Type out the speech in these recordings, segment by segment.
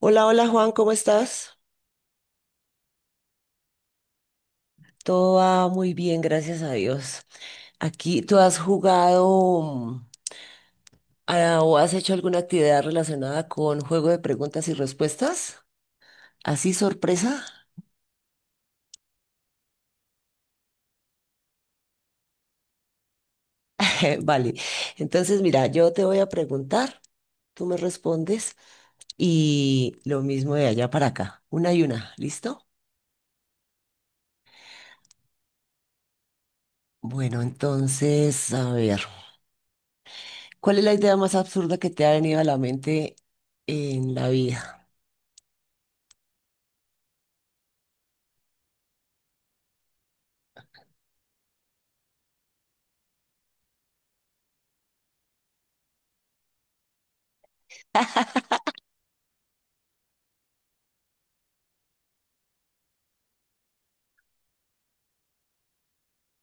Hola, hola Juan, ¿cómo estás? Todo va muy bien, gracias a Dios. Aquí, ¿tú has jugado o has hecho alguna actividad relacionada con juego de preguntas y respuestas? ¿Así sorpresa? Vale, entonces mira, yo te voy a preguntar, tú me respondes y lo mismo de allá para acá, una y una, ¿listo? Bueno, entonces, a ver, ¿cuál es la idea más absurda que te ha venido a la mente en la vida?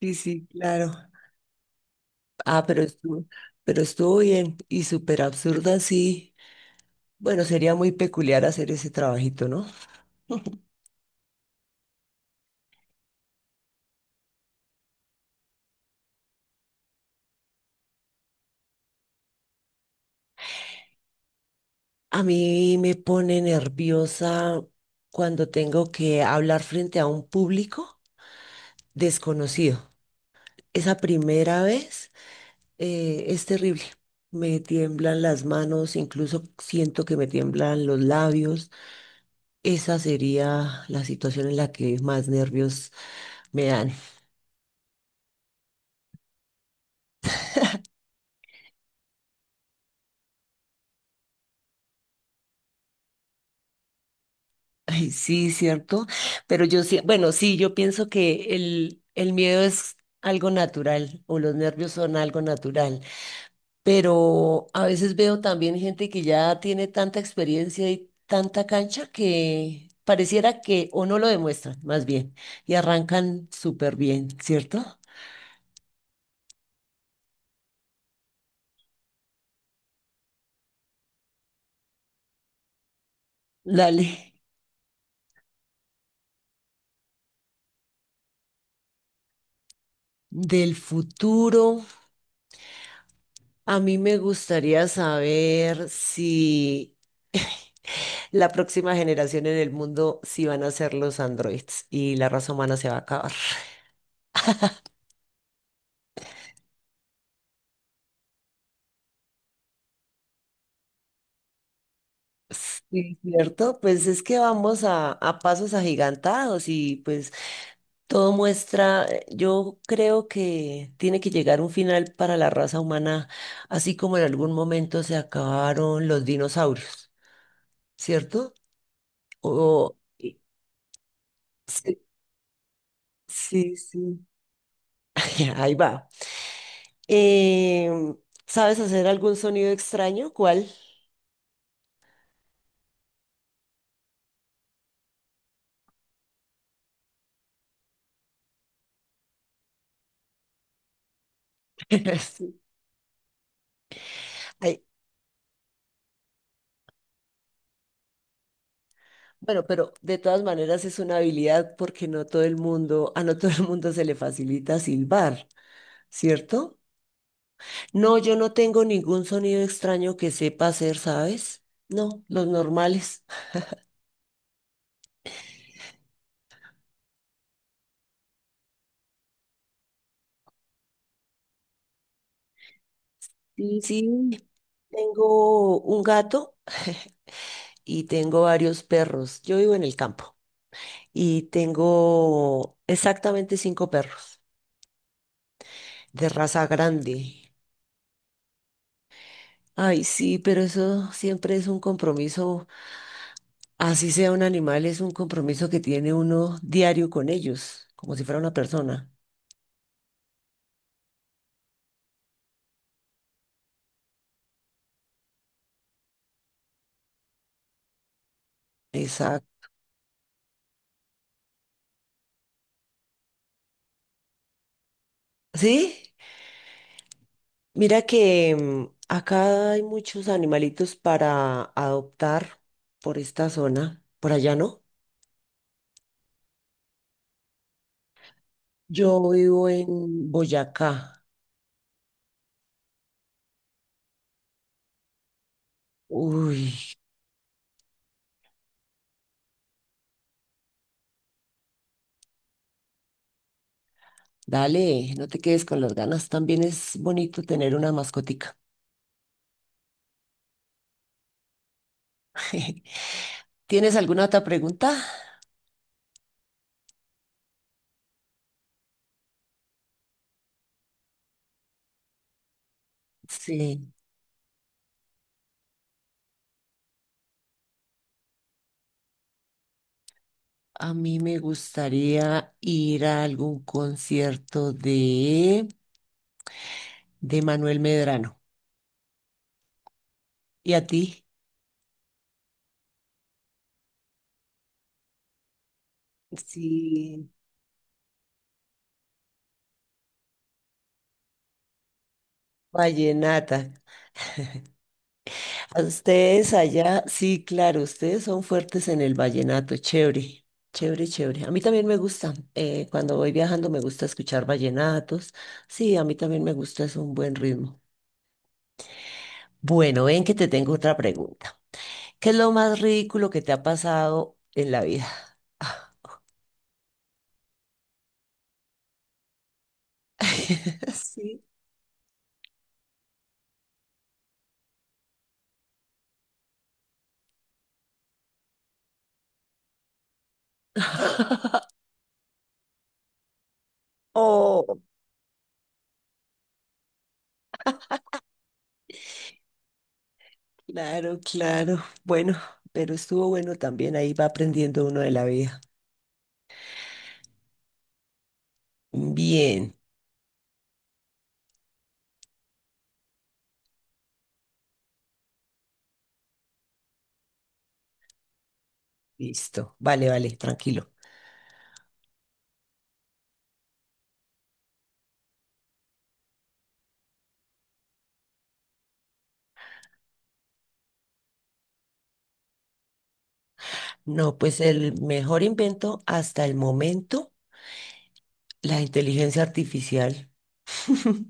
Sí, sí, claro. Ah, pero estuvo, pero estuvo bien y súper absurda, sí. Bueno, sería muy peculiar hacer ese trabajito, ¿no? A mí me pone nerviosa cuando tengo que hablar frente a un público desconocido. Esa primera vez es terrible. Me tiemblan las manos, incluso siento que me tiemblan los labios. Esa sería la situación en la que más nervios me dan. Ay, sí, cierto. Pero yo sí, bueno, sí, yo pienso que el miedo es algo natural o los nervios son algo natural. Pero a veces veo también gente que ya tiene tanta experiencia y tanta cancha que pareciera que o no lo demuestran, más bien, y arrancan súper bien, ¿cierto? Dale. Del futuro, a mí me gustaría saber si la próxima generación en el mundo sí van a ser los androides y la raza humana se va a acabar. Sí, cierto, pues es que vamos a pasos agigantados y pues todo muestra, yo creo que tiene que llegar un final para la raza humana, así como en algún momento se acabaron los dinosaurios, ¿cierto? O, y- sí, sí, sí. Ahí va. Em, ¿Sabes hacer algún sonido extraño? ¿Cuál? Sí. Ay, bueno, pero de todas maneras es una habilidad porque no todo el mundo, a no todo el mundo se le facilita silbar, ¿cierto? No, yo no tengo ningún sonido extraño que sepa hacer, ¿sabes? No, los normales. Sí, sí, tengo un gato y tengo varios perros. Yo vivo en el campo y tengo exactamente cinco perros de raza grande. Ay, sí, pero eso siempre es un compromiso. Así sea un animal, es un compromiso que tiene uno diario con ellos, como si fuera una persona. Exacto. ¿Sí? Mira que acá hay muchos animalitos para adoptar por esta zona, por allá no. Yo vivo en Boyacá. Uy, dale, no te quedes con las ganas. También es bonito tener una mascotica. ¿Tienes alguna otra pregunta? Sí. A mí me gustaría ir a algún concierto de Manuel Medrano. ¿Y a ti? Sí. Vallenata. ¿A ustedes allá? Sí, claro, ustedes son fuertes en el vallenato. Chévere, chévere, chévere. A mí también me gusta. Cuando voy viajando me gusta escuchar vallenatos. Sí, a mí también me gusta, es un buen ritmo. Bueno, ven que te tengo otra pregunta. ¿Qué es lo más ridículo que te ha pasado en la vida? Sí. Oh, claro, claro. Bueno, pero estuvo bueno también. Ahí va aprendiendo uno de la vida. Bien, listo. Vale, vale, tranquilo. No, pues el mejor invento hasta el momento, la inteligencia artificial.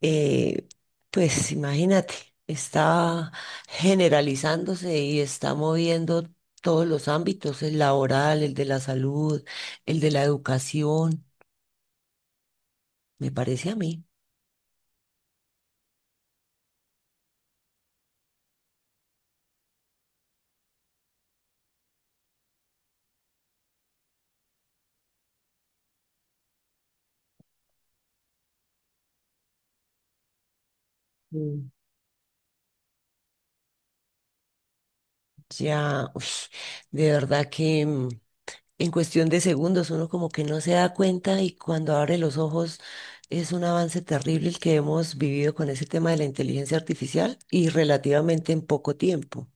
Eh, pues imagínate, está generalizándose y está moviendo todos los ámbitos, el laboral, el de la salud, el de la educación, me parece a mí. Ya, uy, de verdad que en cuestión de segundos uno como que no se da cuenta y cuando abre los ojos es un avance terrible el que hemos vivido con ese tema de la inteligencia artificial y relativamente en poco tiempo.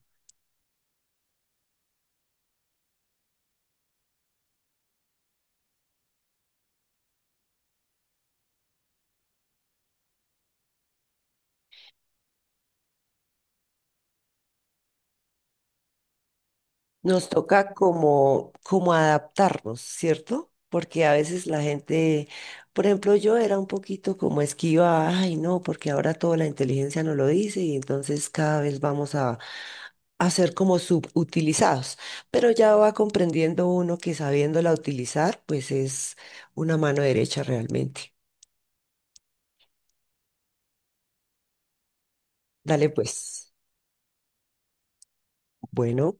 Nos toca como, como adaptarnos, ¿cierto? Porque a veces la gente, por ejemplo, yo era un poquito como esquiva, ay, no, porque ahora toda la inteligencia nos lo dice y entonces cada vez vamos a ser como subutilizados. Pero ya va comprendiendo uno que sabiéndola utilizar, pues es una mano derecha realmente. Dale, pues. Bueno,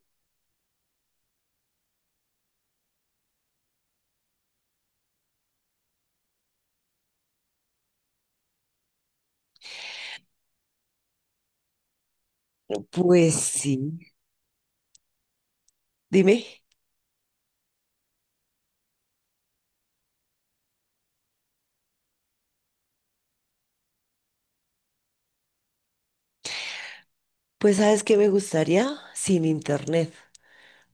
pues sí. Dime, pues ¿sabes qué me gustaría sin internet?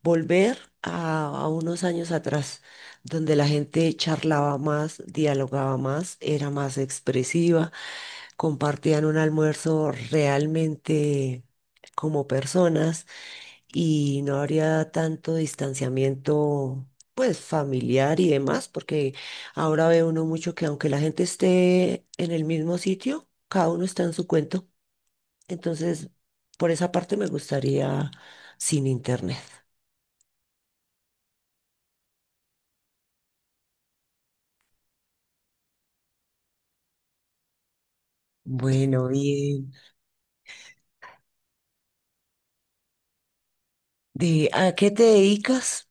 Volver a unos años atrás, donde la gente charlaba más, dialogaba más, era más expresiva, compartían un almuerzo realmente como personas y no habría tanto distanciamiento, pues familiar y demás, porque ahora ve uno mucho que aunque la gente esté en el mismo sitio, cada uno está en su cuento. Entonces, por esa parte me gustaría sin internet. Bueno, bien. De, ¿a qué te dedicas?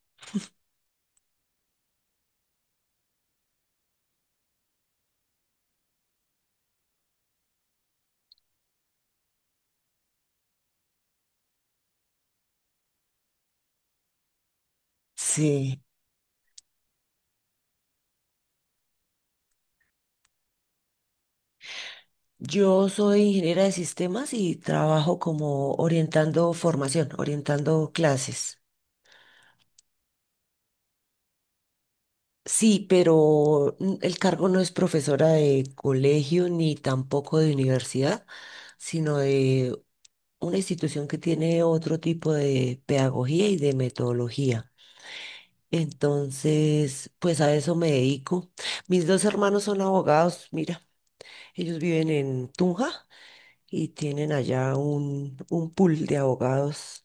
Sí, yo soy ingeniera de sistemas y trabajo como orientando formación, orientando clases. Sí, pero el cargo no es profesora de colegio ni tampoco de universidad, sino de una institución que tiene otro tipo de pedagogía y de metodología. Entonces, pues a eso me dedico. Mis dos hermanos son abogados, mira, ellos viven en Tunja y tienen allá un pool de abogados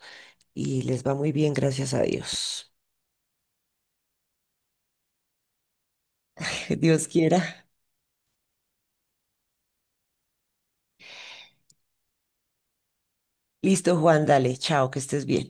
y les va muy bien, gracias a Dios. Dios quiera. Listo, Juan, dale, chao, que estés bien.